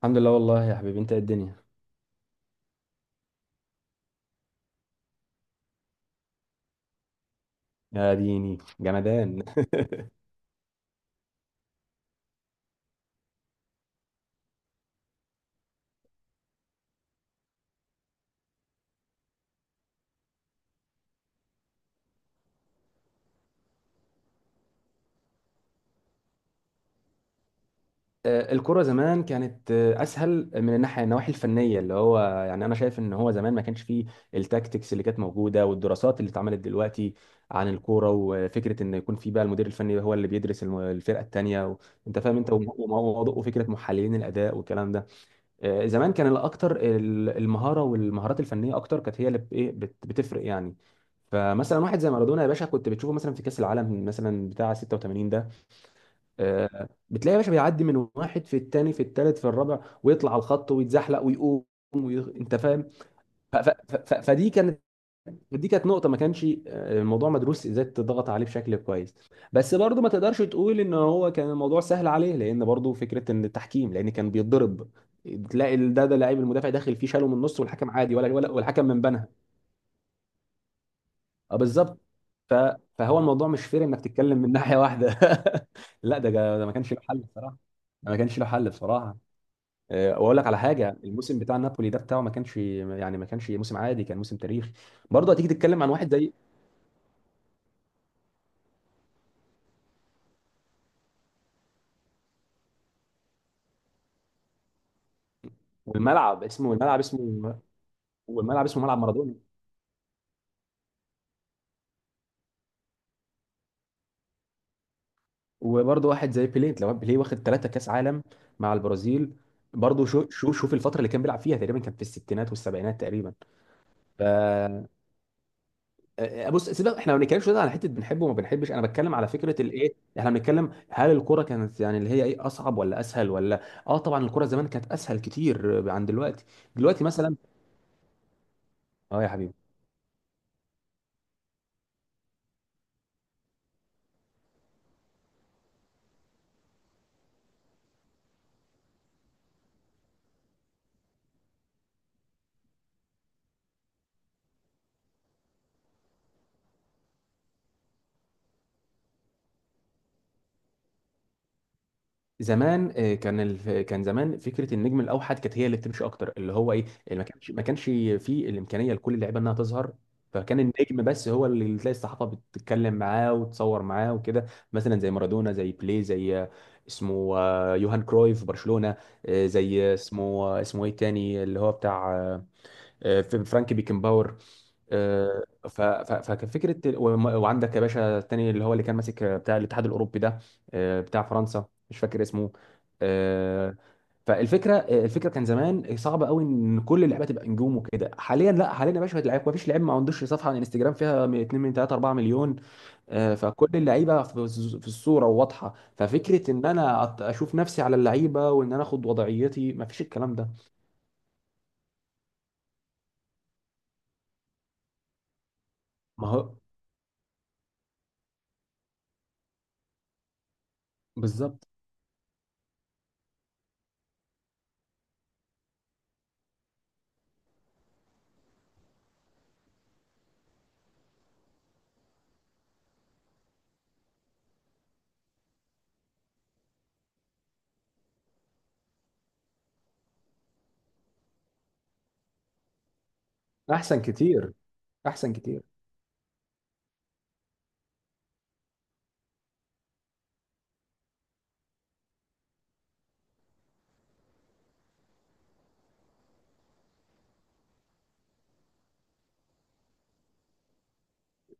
الحمد لله والله يا حبيبي، انت ايه الدنيا؟ يا ديني جمدان. الكرة زمان كانت أسهل من الناحية النواحي الفنية اللي هو يعني، أنا شايف إن هو زمان ما كانش فيه التاكتكس اللي كانت موجودة والدراسات اللي اتعملت دلوقتي عن الكورة، وفكرة إن يكون في بقى المدير الفني هو اللي بيدرس الفرقة التانية أنت فاهم، أنت وموضوع وفكرة محللين الأداء والكلام ده. زمان كان الاكتر المهاره والمهارات الفنيه اكتر كانت هي اللي بتفرق يعني. فمثلا واحد زي مارادونا يا باشا، كنت بتشوفه مثلا في كاس العالم مثلا بتاع 86 ده. بتلاقي يا باشا بيعدي من واحد في الثاني في الثالث في الرابع، ويطلع على الخط ويتزحلق ويقوم انت فاهم. فدي كانت، دي كانت نقطة. ما كانش الموضوع مدروس ازاي تضغط عليه بشكل كويس. بس برضه ما تقدرش تقول ان هو كان الموضوع سهل عليه، لان برضه فكرة ان التحكيم، لان كان بيتضرب. تلاقي ده لعيب المدافع داخل فيه شاله من النص، والحكم عادي ولا والحكم من بنها. اه بالظبط. ف... فهو الموضوع مش فير انك تتكلم من ناحية واحدة. لا، ده ما كانش له حل بصراحة، ده ما كانش له حل بصراحة. واقول لك على حاجة، الموسم بتاع نابولي ده بتاعه ما كانش يعني ما كانش موسم عادي، كان موسم تاريخي. برضه هتيجي تتكلم عن واحد زي، والملعب اسمه، الملعب اسمه، والملعب اسمه ملعب مارادونا. وبرضه واحد زي بيليه، لو بيليه واخد ثلاثة كاس عالم مع البرازيل، برضه شو شو شوف الفترة اللي كان بيلعب فيها تقريبا، كان في الستينات والسبعينات تقريبا. ف آه، آه، بص سيبك، احنا ما بنتكلمش دلوقتي على حتة بنحبه وما بنحبش، انا بتكلم على فكرة الايه، احنا بنتكلم هل الكرة كانت يعني اللي هي ايه، اصعب ولا اسهل ولا. اه طبعا الكرة زمان كانت اسهل كتير عن دلوقتي، دلوقتي مثلا. اه يا حبيبي. زمان كان كان زمان فكره النجم الاوحد كانت هي اللي بتمشي اكتر، اللي هو ايه، اللي ما كانش فيه الامكانيه لكل اللعيبه انها تظهر. فكان النجم بس هو اللي تلاقي الصحافه بتتكلم معاه وتصور معاه وكده. مثلا زي مارادونا، زي بيليه، زي اسمه يوهان كرويف في برشلونه. زي اسمه اسمه ايه التاني اللي هو بتاع في فرانك بيكنباور. فكان فكره وعندك يا باشا التاني اللي هو اللي كان ماسك بتاع الاتحاد الاوروبي ده، بتاع فرنسا مش فاكر اسمه. آه، فالفكره، الفكره كان زمان صعبه قوي ان كل اللعيبه تبقى نجوم وكده. حاليا لا، حاليا يا باشا اللعيبه ما فيش لعيب ما عندوش صفحه على الانستجرام فيها 2 من 3 4 مليون. فكل اللعيبه في في الصوره وواضحه، ففكره ان انا اشوف نفسي على اللعيبه وان انا اخد وضعيتي، ما فيش الكلام ده. ما هو بالظبط. احسن كتير، احسن كتير.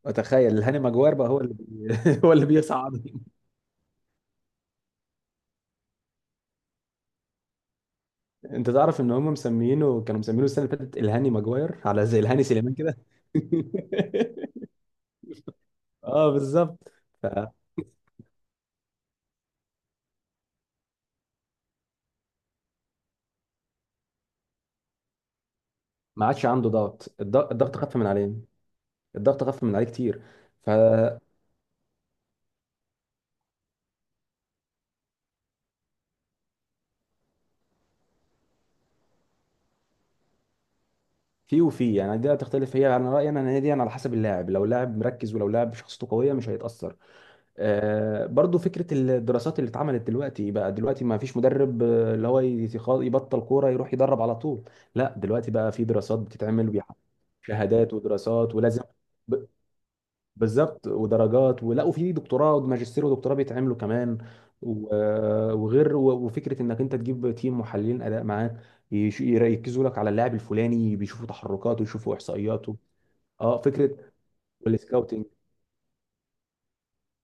اتخيل هاني ماجوار بقى هو اللي هو اللي بيصعد. انت تعرف ان هم مسمينه، كانوا مسمينه السنه اللي فاتت الهاني ماجوار على زي الهاني سليمان كده. اه بالظبط. فما عادش عنده ضغط، الضغط خف من عليه، الضغط خف من عليه كتير. ففي. وفي يعني دي هتختلف هي، انا رايي انا إن هي دي يعني على حسب اللاعب، لو لاعب مركز ولو لاعب شخصيته قويه مش هيتاثر. برضو فكرة الدراسات اللي اتعملت دلوقتي بقى، دلوقتي ما فيش مدرب اللي هو يبطل كورة يروح يدرب على طول. لا دلوقتي بقى في دراسات بتتعمل وبيحقق شهادات ودراسات ولازم. ب- بالظبط، ودرجات ولا وفي دكتوراه وماجستير ودكتوراه بيتعملوا كمان. وفكرة انك انت تجيب تيم محللين اداء معاك، يركزوا لك على اللاعب الفلاني، بيشوفوا تحركاته يشوفوا احصائياته. اه فكرة والسكاوتنج.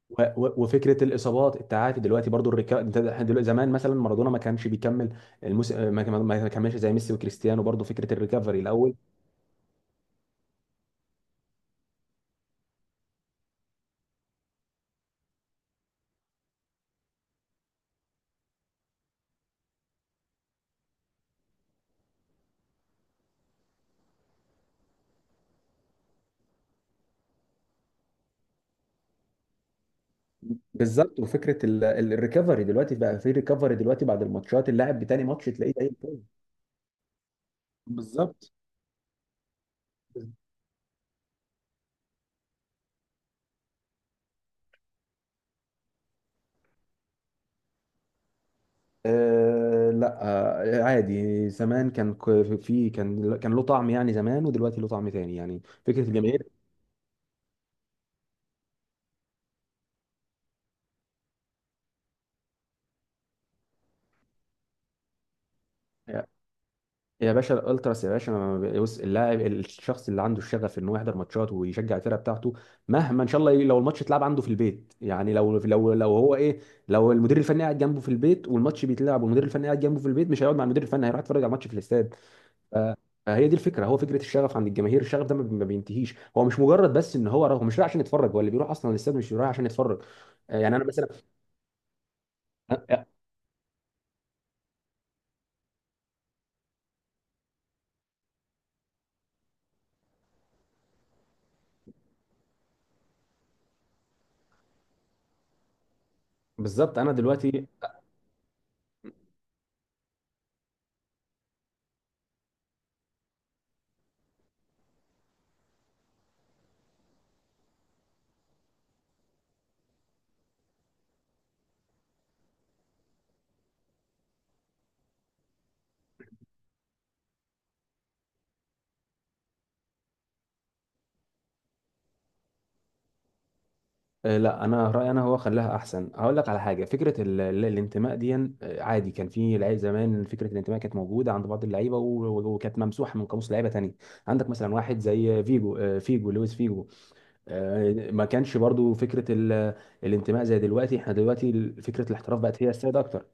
وفكره الاصابات، التعافي دلوقتي برضو. انت احنا دلوقتي، زمان مثلا مارادونا ما كانش بيكمل المس... ما ما- ما كملش زي ميسي وكريستيانو، برضو فكره الريكفري الاول. بالظبط، وفكره الريكفري دلوقتي بقى، في ريكفري دلوقتي بعد الماتشات، اللاعب بتاني ماتش تلاقيه زي الفل. بالظبط. آه لا. آه عادي، زمان كان ك- في كان كان له طعم يعني، زمان ودلوقتي له طعم تاني يعني فكره الجماهير. يا باشا الالتراس يا باشا، ما بيوس- اللاعب الشخص اللي عنده الشغف ان هو يحضر ماتشات ويشجع الفرقه بتاعته، مهما ان شاء الله لو الماتش اتلعب عنده في البيت يعني، لو هو ايه، لو المدير الفني قاعد جنبه في البيت والماتش بيتلعب والمدير الفني قاعد جنبه في البيت، مش هيقعد مع المدير الفني، هيروح يتفرج على الماتش في الاستاد. ف- فهي دي الفكره، هو فكره الشغف عند الجماهير الشغف ده ما بينتهيش، هو مش مجرد بس ان هو رايح، هو مش رايح عشان يتفرج، هو اللي بيروح اصلا الاستاد مش رايح عشان يتفرج. يعني انا مثلا آه، آه، بالظبط. انا دلوقتي. لا انا رايي انا هو خلاها احسن. هقول لك على حاجه، فكره الانتماء دي، عادي كان في لعيب زمان فكره الانتماء كانت موجوده عند بعض اللعيبه وكانت ممسوحه من قاموس لعيبه تانية. عندك مثلا واحد زي فيجو، فيجو، لويس فيجو. ما كانش برضو فكره الانتماء زي دلوقتي. احنا دلوقتي فكره الاحتراف بقت هي السائد اكتر.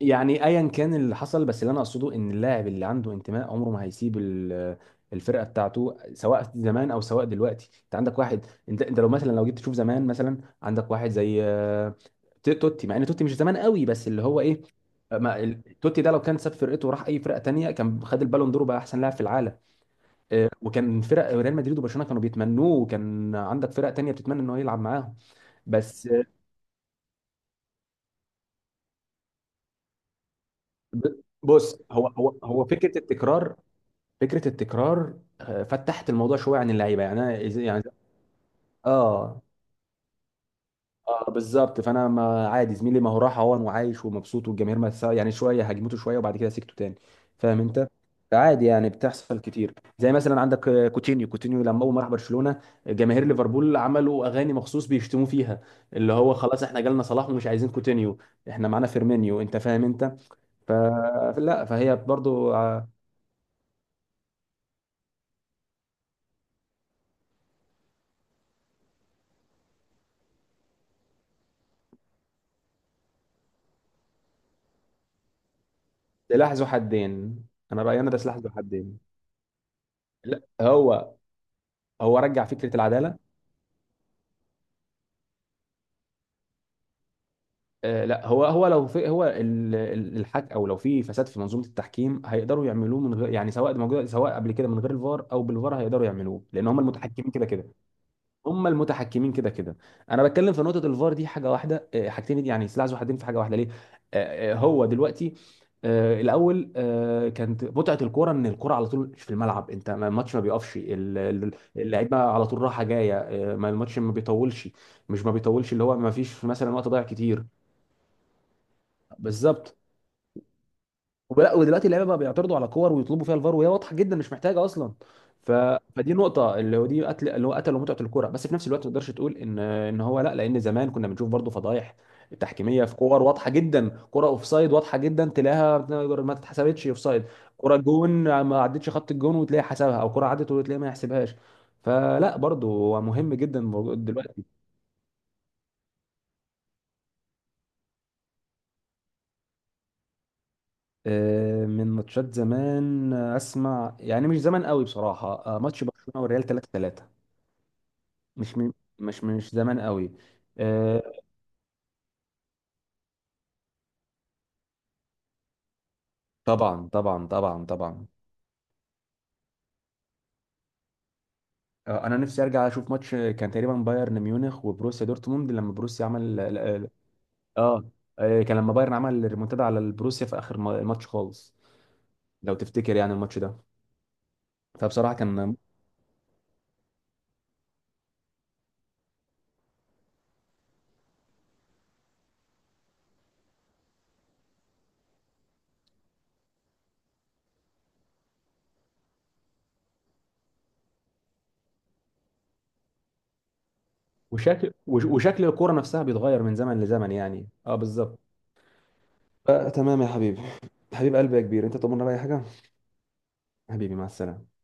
يعني ايا كان اللي حصل، بس اللي انا اقصده ان اللاعب اللي عنده انتماء عمره ما هيسيب الفرقه بتاعته، سواء زمان او سواء دلوقتي. انت عندك واحد، انت لو مثلا لو جيت تشوف زمان مثلا عندك واحد زي توتي، مع ان توتي مش زمان قوي بس اللي هو ايه، ما ال- توتي ده لو كان ساب فرقته وراح اي فرقه تانية كان خد البالون دور وبقى احسن لاعب في العالم. وكان فرق ريال مدريد وبرشلونه كانوا بيتمنوه، وكان عندك فرق تانية بتتمنى ان هو يلعب معاهم. بس بص هو فكره التكرار، فكره التكرار فتحت الموضوع شويه عن اللعيبه يعني، يعني اه. اه بالظبط، فانا ما عادي زميلي، ما هو راح اهون وعايش ومبسوط، والجماهير ما تسا- يعني شويه هاجمته شويه وبعد كده سكته تاني، فاهم انت. فعادي يعني بتحصل كتير. زي مثلا عندك كوتينيو، كوتينيو لما اول ما راح برشلونه، جماهير ليفربول عملوا اغاني مخصوص بيشتموه فيها، اللي هو خلاص احنا جالنا صلاح ومش عايزين كوتينيو، احنا معانا فيرمينيو، انت فاهم انت. ف... فلا، فهي برضو سلاح ذو حدين، انا رايي انا ده سلاح ذو حدين. لا، هو رجع فكره العداله. آه لا هو لو في، هو الحك او لو في فساد في منظومه التحكيم، هيقدروا يعملوه من غير يعني، سواء موجود، سواء قبل كده من غير الفار او بالفار هيقدروا يعملوه، لان هم المتحكمين كده كده، هم المتحكمين كده كده. انا بتكلم في نقطه الفار دي حاجه واحده، حاجتين دي يعني سلاح ذو حدين في حاجه واحده ليه. آه، آه، هو دلوقتي آه، الاول كانت متعه الكوره ان الكوره على طول في الملعب، انت الماتش ما بيقفش، اللعيبه على طول راحه جايه، ما الماتش ما بيطولش، مش ما بيطولش اللي هو ما فيش مثلا وقت ضايع كتير. بالظبط. ولا ودلوقتي اللعيبه بقى بيعترضوا على كور ويطلبوا فيها الفار وهي واضحه جدا مش محتاجه اصلا. ف... فدي نقطه اللي هو دي قتل، اللي هو قتل متعه الكوره. بس في نفس الوقت ما تقدرش تقول ان ان هو لا، لان زمان كنا بنشوف برضو فضايح تحكيميه في كور واضحه جدا، كره اوفسايد واضحه جدا تلاقيها ما اتحسبتش اوفسايد، كره جون ما عدتش خط الجون وتلاقي حسبها، او كره عدت وتلاقي ما يحسبهاش. فلا برضو هو مهم جدا الموضوع دلوقتي. من ماتشات زمان اسمع يعني مش زمان قوي بصراحه، ماتش برشلونه والريال 3-3. مش من مش مش زمان قوي. آه طبعا طبعا طبعا طبعا. آه انا نفسي ارجع اشوف ماتش، كان تقريبا بايرن ميونخ وبروسيا دورتموند لما بروسيا عمل اه. كان لما بايرن عمل ريمونتادا على البروسيا في اخر الماتش خالص، لو تفتكر يعني الماتش ده، فبصراحه كان. وشكل الكوره نفسها بيتغير من زمن لزمن يعني، اه بالظبط. آه تمام يا حبيبي، حبيب قلبي يا كبير، انت طمنا بأي حاجه. حبيبي مع السلامه.